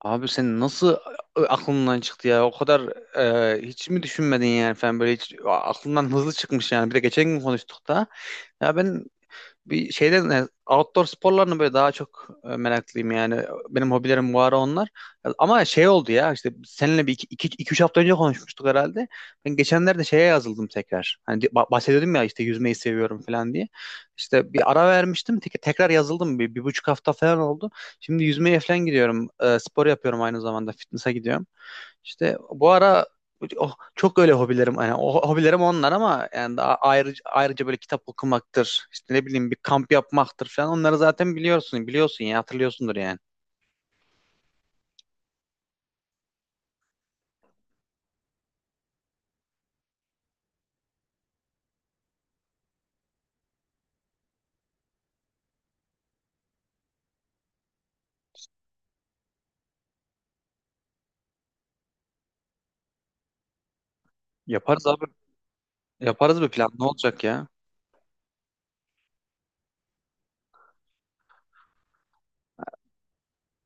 Abi sen nasıl aklından çıktı ya? O kadar hiç mi düşünmedin yani falan böyle hiç aklından hızlı çıkmış yani. Bir de geçen gün konuştuk da. Ya ben bir şeyden yani outdoor sporlarını böyle daha çok meraklıyım yani. Benim hobilerim bu ara onlar. Ama şey oldu ya işte seninle bir iki üç hafta önce konuşmuştuk herhalde. Ben geçenlerde şeye yazıldım tekrar. Hani bahsediyordum ya işte yüzmeyi seviyorum falan diye. İşte bir ara vermiştim. Tekrar yazıldım. Bir, bir buçuk hafta falan oldu. Şimdi yüzmeye falan gidiyorum. Spor yapıyorum aynı zamanda. Fitness'a gidiyorum. İşte bu ara oh, çok öyle hobilerim yani o hobilerim onlar ama yani daha ayrıca böyle kitap okumaktır işte ne bileyim bir kamp yapmaktır falan onları zaten biliyorsun ya hatırlıyorsundur yani. Yaparız abi, yaparız bir plan, ne olacak ya?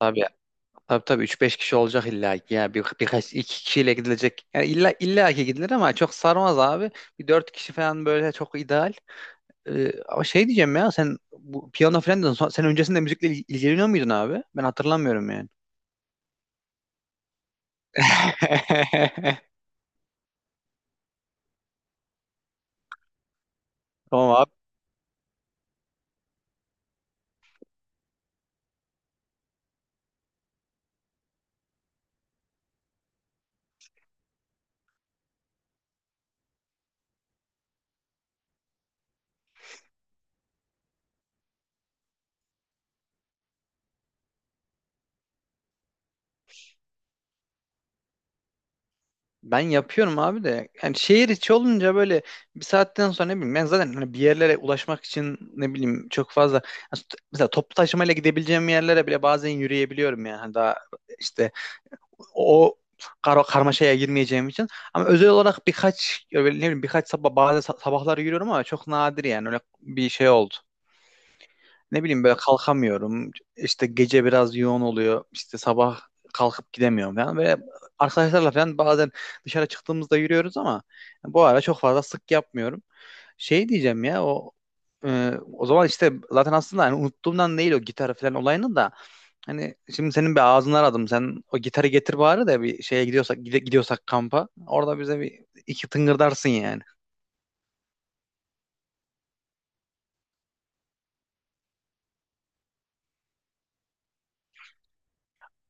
Tabii, tabii, tabii, üç beş kişi olacak illa ki ya birkaç iki kişiyle gidilecek. Yani illa ki gidilir ama çok sarmaz abi. Bir 4 kişi falan böyle çok ideal. Ama şey diyeceğim ya sen bu piyano falan dedin. Sen öncesinde müzikle ilgileniyor muydun abi? Ben hatırlamıyorum yani. Tamam abi. Ben yapıyorum abi de. Yani şehir içi olunca böyle bir saatten sonra ne bileyim, ben zaten hani bir yerlere ulaşmak için ne bileyim çok fazla. Yani mesela toplu taşımayla gidebileceğim yerlere bile bazen yürüyebiliyorum yani. Hani daha işte o karmaşaya girmeyeceğim için. Ama özel olarak birkaç, ya böyle ne bileyim birkaç sabah, bazı sabahlar yürüyorum ama çok nadir yani, öyle bir şey oldu. Ne bileyim, böyle kalkamıyorum. İşte gece biraz yoğun oluyor. İşte sabah kalkıp gidemiyorum falan. Ve arkadaşlarla falan bazen dışarı çıktığımızda yürüyoruz ama bu ara çok fazla sık yapmıyorum. Şey diyeceğim ya, o zaman işte zaten aslında hani unuttuğumdan değil o gitar falan olayını da, hani şimdi senin bir ağzını aradım. Sen o gitarı getir bari de bir şeye gidiyorsak, gidiyorsak kampa, orada bize bir iki tıngırdarsın yani.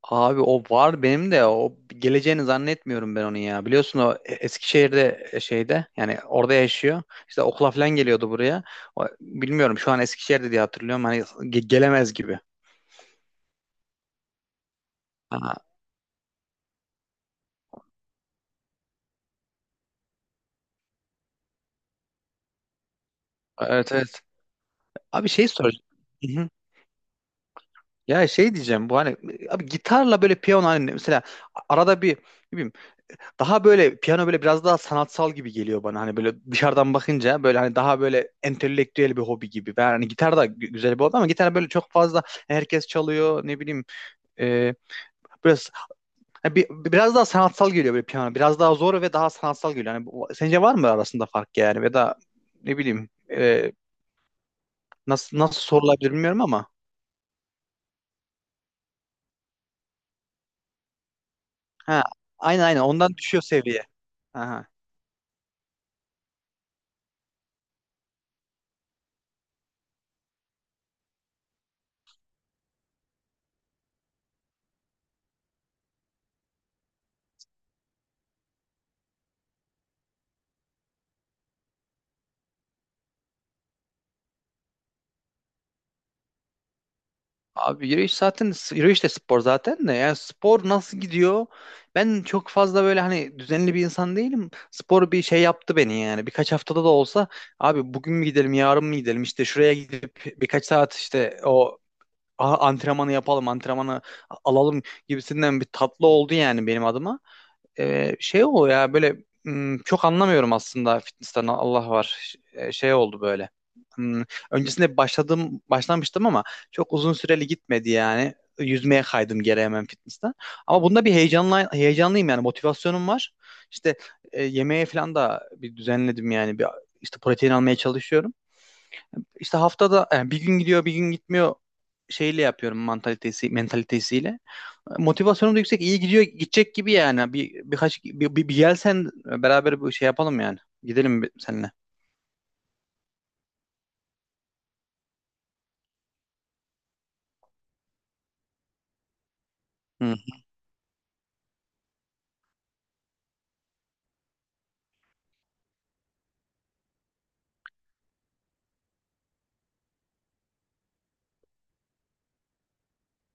Abi o var benim de, o geleceğini zannetmiyorum ben onun ya. Biliyorsun o Eskişehir'de, şeyde yani orada yaşıyor. İşte okula falan geliyordu buraya. Bilmiyorum şu an Eskişehir'de diye hatırlıyorum. Hani gelemez gibi. Aha, evet, evet. Abi şey soracağım. Hı hı. Ya şey diyeceğim, bu hani, abi gitarla böyle piyano, hani mesela arada bir ne bileyim. Daha böyle piyano böyle biraz daha sanatsal gibi geliyor bana. Hani böyle dışarıdan bakınca böyle hani daha böyle entelektüel bir hobi gibi. Ben hani gitar da güzel bir hobi ama gitar böyle çok fazla herkes çalıyor, ne bileyim. E, Biraz hani, biraz daha sanatsal geliyor böyle piyano. Biraz daha zor ve daha sanatsal geliyor. Hani sence var mı arasında fark yani, ya da ne bileyim, nasıl sorulabilir bilmiyorum ama. Ha, aynen aynen, ondan düşüyor seviye. Aha. Abi yürüyüş zaten, yürüyüş de spor zaten de, yani spor nasıl gidiyor? Ben çok fazla böyle hani düzenli bir insan değilim. Spor bir şey yaptı beni yani. Birkaç haftada da olsa, abi bugün mü gidelim, yarın mı gidelim? İşte şuraya gidip birkaç saat işte o antrenmanı yapalım, antrenmanı alalım gibisinden bir tatlı oldu yani benim adıma. Şey o ya böyle, çok anlamıyorum aslında fitness'ten, Allah var. Şey oldu böyle. Hmm, öncesinde başlamıştım ama çok uzun süreli gitmedi yani. Yüzmeye kaydım geri hemen fitness'ten. Ama bunda bir heyecanlıyım yani, motivasyonum var. İşte yemeğe falan da bir düzenledim yani, bir işte protein almaya çalışıyorum. İşte haftada yani bir gün gidiyor bir gün gitmiyor, şeyle yapıyorum mentalitesiyle. Motivasyonum da yüksek. İyi gidiyor, gidecek gibi yani. Birkaç bir, bir, bir gel sen, beraber bir şey yapalım yani. Gidelim seninle. Hı.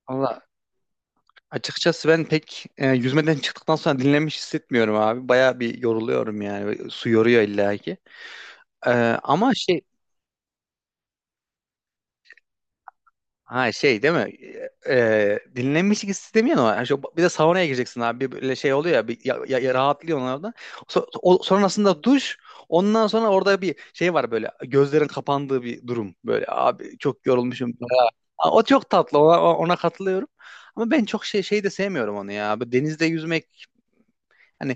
Valla açıkçası ben pek yüzmeden çıktıktan sonra dinlenmiş hissetmiyorum abi. Baya bir yoruluyorum yani. Su yoruyor illa ki. E, Ama şey. Ha, şey değil mi? Dinlenmişlik istemiyor ama yani bir de saunaya gireceksin abi, bir böyle şey oluyor ya, bir rahatlıyorsun orada. Sonrasında duş, ondan sonra orada bir şey var böyle gözlerin kapandığı bir durum, böyle abi çok yorulmuşum. Ya, o çok tatlı, ona katılıyorum. Ama ben çok şey de sevmiyorum onu ya. Böyle denizde yüzmek hani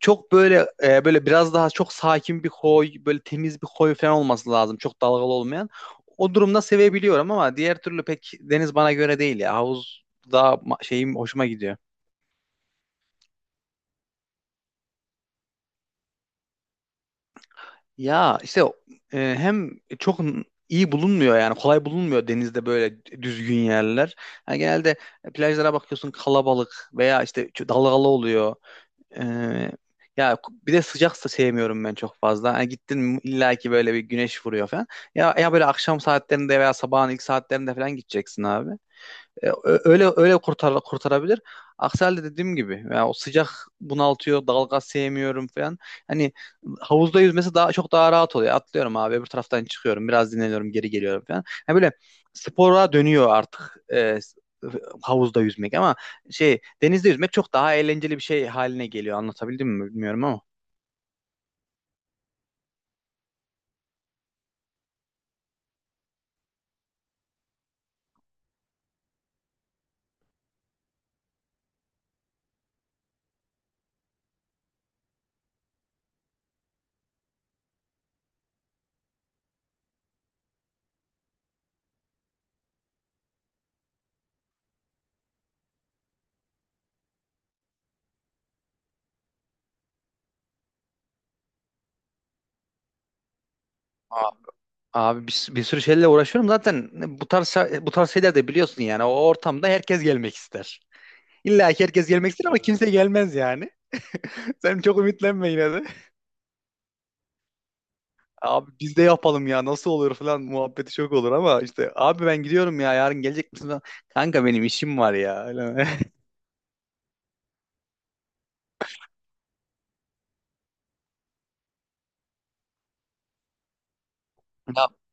çok böyle böyle biraz daha çok sakin bir koy, böyle temiz bir koy falan olması lazım. Çok dalgalı olmayan. O durumda sevebiliyorum ama diğer türlü pek deniz bana göre değil ya. Havuz daha şeyim hoşuma gidiyor. Ya işte hem çok iyi bulunmuyor yani, kolay bulunmuyor denizde böyle düzgün yerler. Yani genelde plajlara bakıyorsun kalabalık, veya işte çok dalgalı oluyor. Ee, Ya bir de sıcak da sevmiyorum ben çok fazla. Hani gittin mi illa ki böyle bir güneş vuruyor falan. Ya böyle akşam saatlerinde veya sabahın ilk saatlerinde falan gideceksin abi. Öyle öyle kurtarabilir. Aksi halde dediğim gibi yani, o sıcak bunaltıyor, dalga sevmiyorum falan. Hani havuzda yüzmesi daha çok daha rahat oluyor. Atlıyorum abi öbür taraftan çıkıyorum, biraz dinleniyorum, geri geliyorum falan. Yani böyle spora dönüyor artık havuzda yüzmek, ama şey denizde yüzmek çok daha eğlenceli bir şey haline geliyor. Anlatabildim mi bilmiyorum ama. A- Abi, bir sürü şeylerle uğraşıyorum zaten, bu tarz bu tarz şeyler de biliyorsun yani, o ortamda herkes gelmek ister. İlla ki herkes gelmek ister ama kimse gelmez yani. Sen çok ümitlenme yine de. Abi biz de yapalım ya, nasıl olur falan muhabbeti çok olur ama işte, abi ben gidiyorum ya yarın gelecek misin falan. Kanka benim işim var ya. Öyle mi?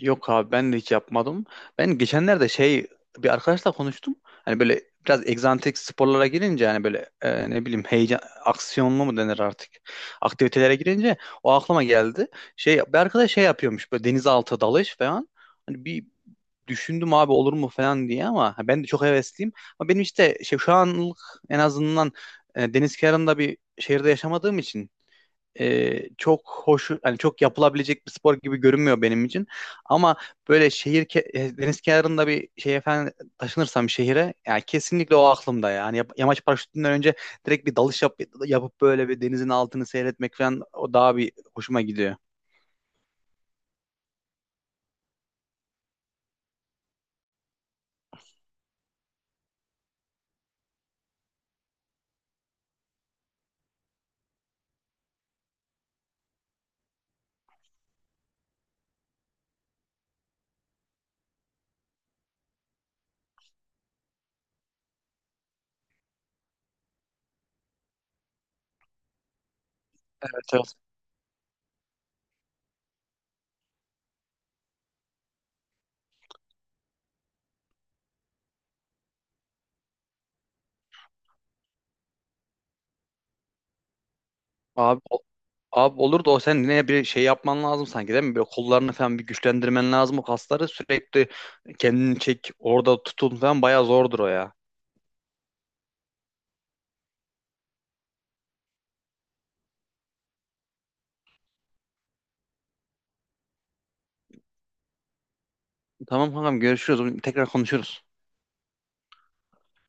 Yok abi, ben de hiç yapmadım. Ben geçenlerde şey, bir arkadaşla konuştum. Hani böyle biraz egzantrik sporlara girince, hani böyle ne bileyim heyecan aksiyonlu mu denir artık aktivitelere girince, o aklıma geldi. Şey, bir arkadaş şey yapıyormuş böyle, denizaltı dalış falan. Hani bir düşündüm abi, olur mu falan diye, ama ben de çok hevesliyim. Ama benim işte şey, şu anlık en azından deniz kenarında bir şehirde yaşamadığım için çok hoş, hani çok yapılabilecek bir spor gibi görünmüyor benim için. Ama böyle deniz kenarında bir şey efendim, taşınırsam bir şehire yani, kesinlikle o aklımda ya. Yani yamaç paraşütünden önce direkt bir dalış yapıp böyle, bir denizin altını seyretmek falan, o daha bir hoşuma gidiyor. Evet, evet. Abi, o- Abi olur da o, sen yine bir şey yapman lazım sanki değil mi? Böyle kollarını falan bir güçlendirmen lazım, o kasları sürekli kendini çek orada, tutun falan bayağı zordur o ya. Tamam kankam, görüşürüz. Tekrar konuşuruz.